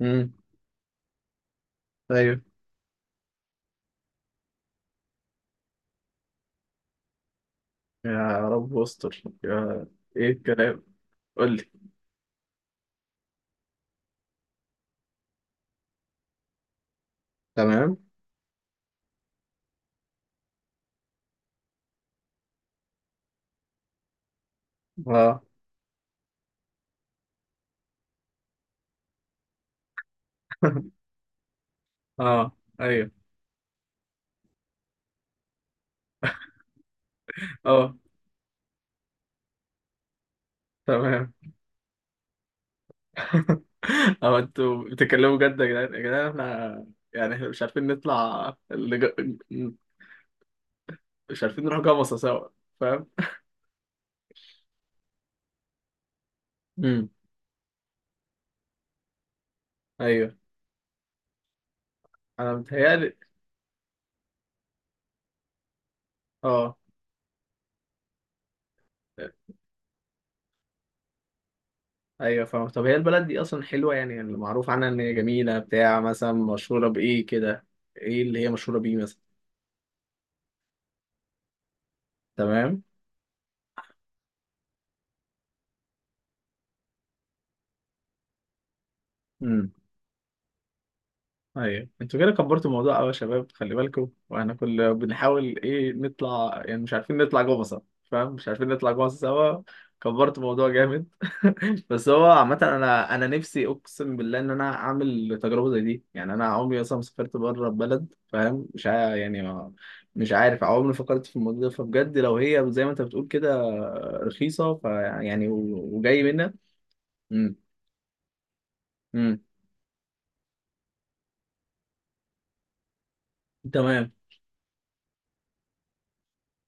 امم. ايوه. يا رب استر، يا ايه الكلام؟ قول لي. تمام. اه. اه، ايوه. اه. تمام. اه، انتوا بتتكلموا جد يا جدعان يا جدعان. احنا مش عارفين نطلع مش عارفين نروح جمصة سوا. فاهم. امم ايوه. انا متهيألي. اه، ايوه، فاهم. طب هي البلد دي اصلا حلوة، يعني اللي معروف عنها ان هي جميلة بتاع، مثلا مشهورة بايه كده؟ ايه اللي هي مشهورة بيه مثلا؟ تمام. ايوه، انتوا كده كبرتوا الموضوع قوي يا شباب، خلي بالكم، واحنا كل بنحاول ايه نطلع، يعني مش عارفين نطلع جوه سوا. فاهم، مش عارفين نطلع جوه سوا. كبرتوا الموضوع جامد. بس هو عامة انا نفسي اقسم بالله ان انا اعمل تجربة زي دي، يعني انا عمري اصلا ما سافرت بره البلد. فاهم. مش عا... يعني ما... مش عارف، عمري ما فكرت في الموضوع ده، فبجد لو هي زي ما انت بتقول كده رخيصة، فيعني وجاي منها. امم. امم. تمام.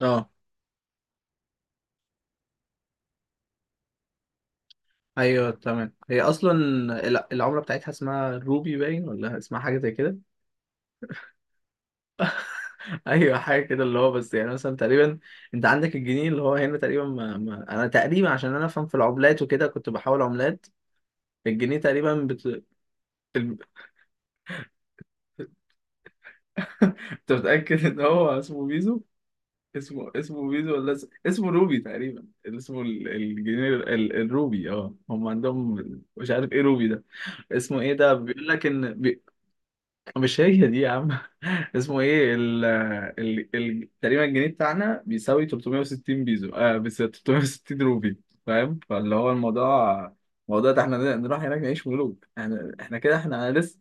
اه، ايوه، تمام. هي اصلا العمله بتاعتها اسمها روبي باين، ولا اسمها حاجه زي كده؟ ايوه، حاجه كده، اللي هو بس يعني مثلا تقريبا انت عندك الجنيه اللي هو هنا تقريبا ما... ما... انا تقريبا عشان انا افهم في العملات وكده كنت بحاول عملات. الجنيه تقريبا ال- انت متاكد ان هو اسمه بيزو؟ اسمه بيزو ولا اسمه روبي؟ تقريبا اسمه الجنيه الروبي، اه، هم عندهم. مش عارف ايه روبي ده؟ اسمه ايه ده بيقول لك ان... مش هي دي يا عم. اسمه ايه ال تقريبا الجنيه بتاعنا بيساوي 360 بيزو، اه، بس 360 روبي. فاهم. فاللي هو الموضوع، الموضوع ده احنا نروح هناك نعيش ملوك. احنا كده، احنا انا لسه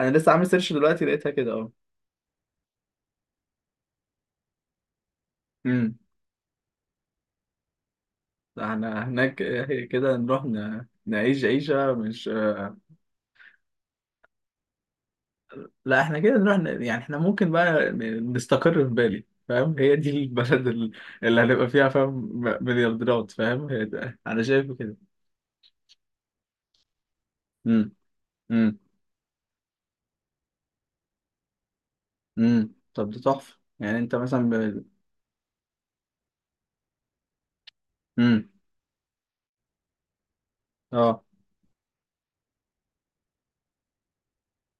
انا لسه عامل سيرش دلوقتي لقيتها كده. اه. امم احنا هناك هي كده نروح نعيش عيشة مش... لا، احنا كده نروح يعني احنا ممكن بقى نستقر في بالي. فاهم. هي دي البلد اللي هنبقى فيها. فاهم. مليارديرات. فاهم. هي ده، انا شايف كده. امم. امم. طب ده تحفة، يعني انت مثلا امم اه،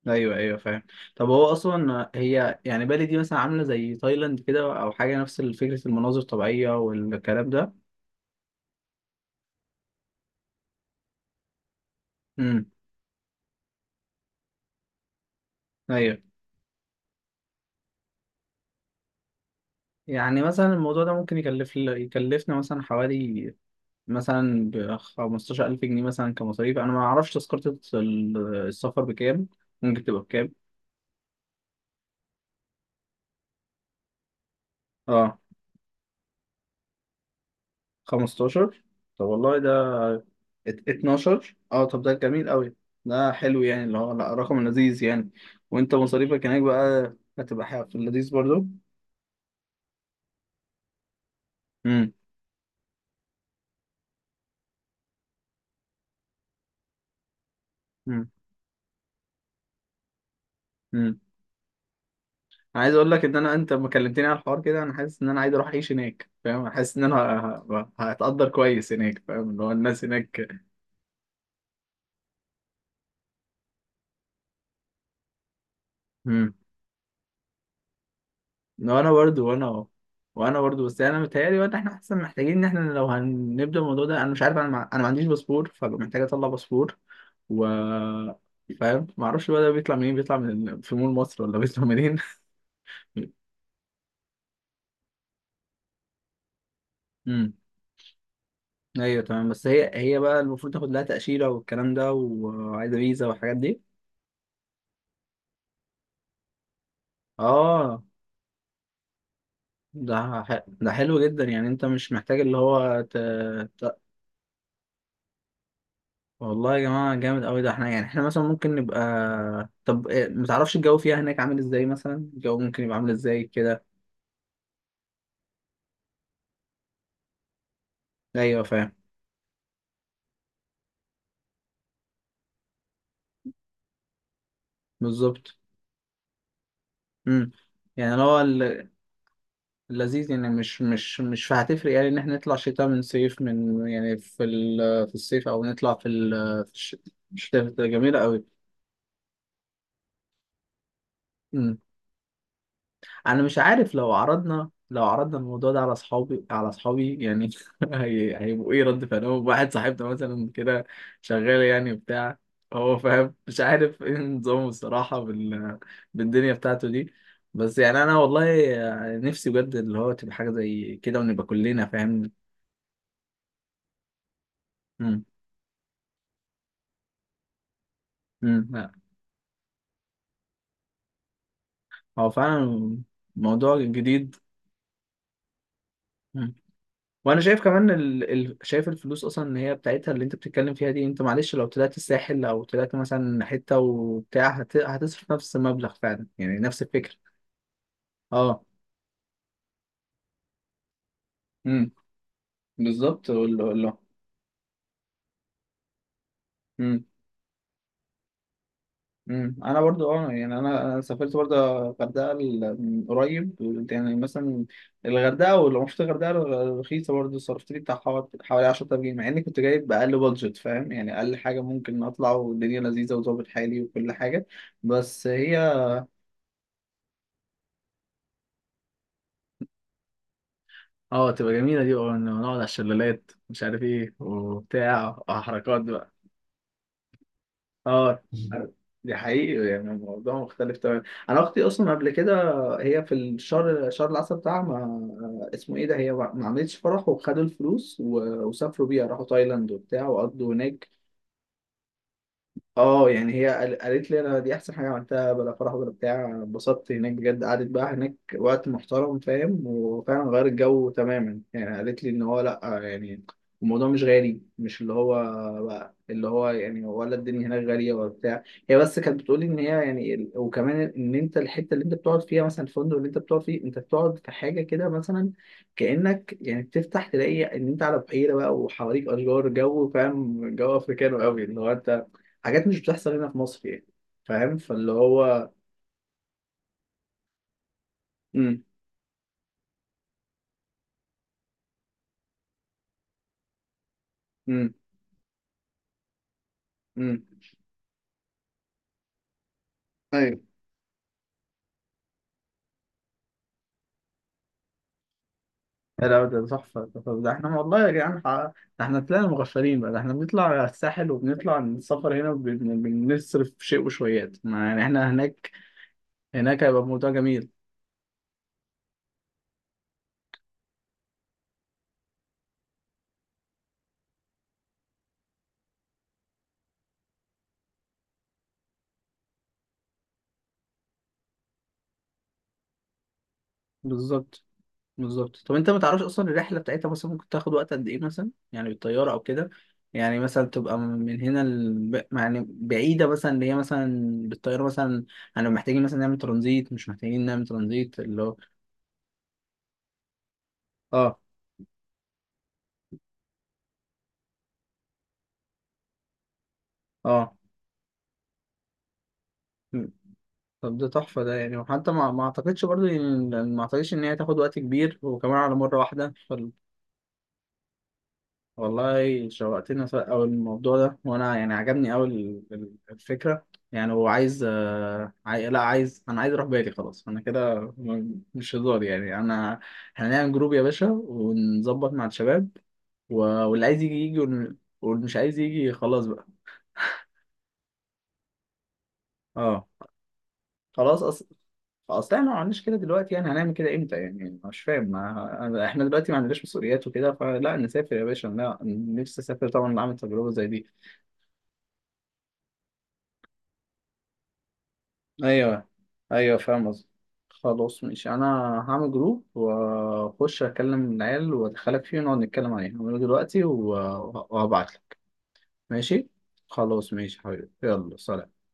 ايوه، ايوه، فاهم. طب هو اصلا هي يعني بالي دي مثلا عاملة زي تايلاند كده، او حاجة نفس فكرة المناظر الطبيعية والكلام ده؟ امم. ايوه. يعني مثلا الموضوع ده ممكن يكلفنا مثلا حوالي مثلا ب 15000 جنيه مثلا كمصاريف. انا ما اعرفش تذكرة السفر بكام، ممكن تبقى بكام؟ اه. 15. طب والله ده 12. اه، طب ده جميل قوي. ده حلو يعني، اللي هو لا، رقم لذيذ يعني. وانت مصاريفك هناك بقى هتبقى حاجة في اللذيذ برضو. امم. امم. امم عايز اقول لك ان انت ما كلمتني على الحوار كده انا حاسس ان انا عايز اروح اعيش هناك. فاهم. حاسس ان انا هتقدر كويس هناك. فاهم. اللي هو الناس هناك. وانا برضه. وانا برضه، بس انا متهيألي وقت احنا احسن محتاجين ان احنا لو هنبدأ الموضوع ده. انا مش عارف، انا ما عنديش باسبور، فبقى محتاج اطلع باسبور و فاهم. ما اعرفش بقى ده بيطلع منين، بيطلع من في مول مصر، ولا بيطلع منين؟ امم ايوه، تمام. بس هي بقى المفروض تاخد لها تأشيرة والكلام ده، وعايزة فيزا والحاجات دي. اه. ده ده حلو جدا، يعني انت مش محتاج اللي هو ت... والله يا جماعة جامد أوي ده، احنا يعني احنا مثلا ممكن نبقى... طب إيه، متعرفش الجو فيها هناك عامل ازاي؟ مثلا الجو ممكن يبقى عامل ازاي كده؟ أيوة، فاهم. بالظبط. امم. يعني اللي هو اللذيذ يعني، مش هتفرق يعني إن احنا نطلع شتاء من صيف من، يعني في في الصيف، أو نطلع في في الشتاء، جميلة أوي. إمم. انا مش عارف لو عرضنا الموضوع ده على اصحابي، يعني هيبقوا ايه رد فعلهم؟ واحد صاحبنا مثلا كده شغال يعني وبتاع. هو فاهم، مش عارف ايه نظامه الصراحة بالدنيا بتاعته دي. بس يعني انا والله نفسي بجد اللي هو تبقى حاجة زي كده ونبقى كلنا. فاهم. مم. مم. لا، هو فعلا موضوع جديد. وانا شايف كمان شايف الفلوس اصلا، ان هي بتاعتها اللي انت بتتكلم فيها دي، انت معلش لو طلعت الساحل او طلعت مثلا حته وبتاع هتصرف نفس المبلغ فعلا، يعني نفس الفكره. اه. امم بالظبط. ولا امم. انا برضو، اه، يعني أنا سافرت برضو الغردقه من قريب. يعني مثلا الغردقه ولو مش الغردقه رخيصه برضو، صرفت لي بتاع حوالي 10000 جنيه مع اني كنت جايب اقل بادجت. فاهم. يعني اقل حاجه ممكن اطلع، والدنيا لذيذه وظابط حالي وكل حاجه. بس هي... اه، تبقى جميلة دي، اه، إنه نقعد على الشلالات مش عارف ايه وبتاع وحركات بقى. اه. دي حقيقي يعني، الموضوع مختلف تماما. انا اختي اصلا قبل كده هي في الشهر، شهر العسل بتاعها، ما اسمه ايه ده، هي ما عملتش فرح، وخدوا الفلوس وسافروا بيها، راحوا تايلاند وبتاع وقضوا هناك. اه، يعني هي قالت لي انا دي احسن حاجه عملتها، بلا فرح ولا بتاع، أنا انبسطت هناك بجد، قعدت بقى هناك وقت محترم. فاهم. وفعلا غير الجو تماما، يعني قالت لي ان هو لا، يعني الموضوع مش غالي، مش اللي هو بقى اللي هو، يعني ولا الدنيا هناك غاليه ولا بتاع. هي بس كانت بتقولي ان هي، يعني وكمان ان انت الحته اللي انت بتقعد فيها مثلا، الفندق اللي انت بتقعد فيه، انت بتقعد في حاجه كده مثلا كانك يعني بتفتح تلاقي ان انت على بحيره بقى وحواليك اشجار، جو. فاهم. جو افريكانو قوي، اللي هو انت حاجات مش بتحصل هنا في مصر يعني. فاهم. فاللي هو... امم. امم. امم ايوه. لا، لا، ده تحفه ده، ده احنا والله يا جدعان ده احنا طلعنا مغفلين بقى. ده احنا بنطلع على الساحل وبنطلع السفر هنا بنصرف شيء وشويات، ما يعني احنا هناك. هناك هيبقى الموضوع جميل. بالظبط. بالظبط. طب انت ما تعرفش اصلا الرحله بتاعتها مثلا ممكن تاخد وقت قد ايه مثلا، يعني بالطياره او كده؟ يعني مثلا تبقى من هنا يعني بعيده مثلا اللي هي مثلا بالطياره مثلا. انا محتاجين مثلا نعمل ترانزيت مش محتاجين نعمل ترانزيت اللي هو. اه. اه. م. طب ده تحفه ده يعني، وحتى ما اعتقدش برضه ما اعتقدش ان هي تاخد وقت كبير وكمان على مره واحده. والله شوقتني أوي الموضوع ده، وأنا يعني عجبني أوي الفكرة. يعني هو عايز لا عايز، أنا عايز أروح بالي، خلاص، أنا كده مش هزار يعني أنا. هنعمل جروب يا باشا ونظبط مع الشباب، واللي عايز يجي يجي، واللي مش عايز يجي خلاص بقى. أه. خلاص. اصل احنا ما عملناش كده دلوقتي، يعني هنعمل كده امتى يعني؟ مش فاهم. ما... احنا دلوقتي ما عندناش مسؤوليات وكده، فلا، نسافر يا باشا، لا، نفسي اسافر طبعا، اعمل تجربه زي دي. ايوه. ايوه، فاهم قصدي. خلاص، ماشي. انا هعمل جروب واخش اكلم العيال وادخلك فيه ونقعد نتكلم عليه. هعمله دلوقتي وهبعت لك. ماشي. خلاص، ماشي يا حبيبي، يلا سلام.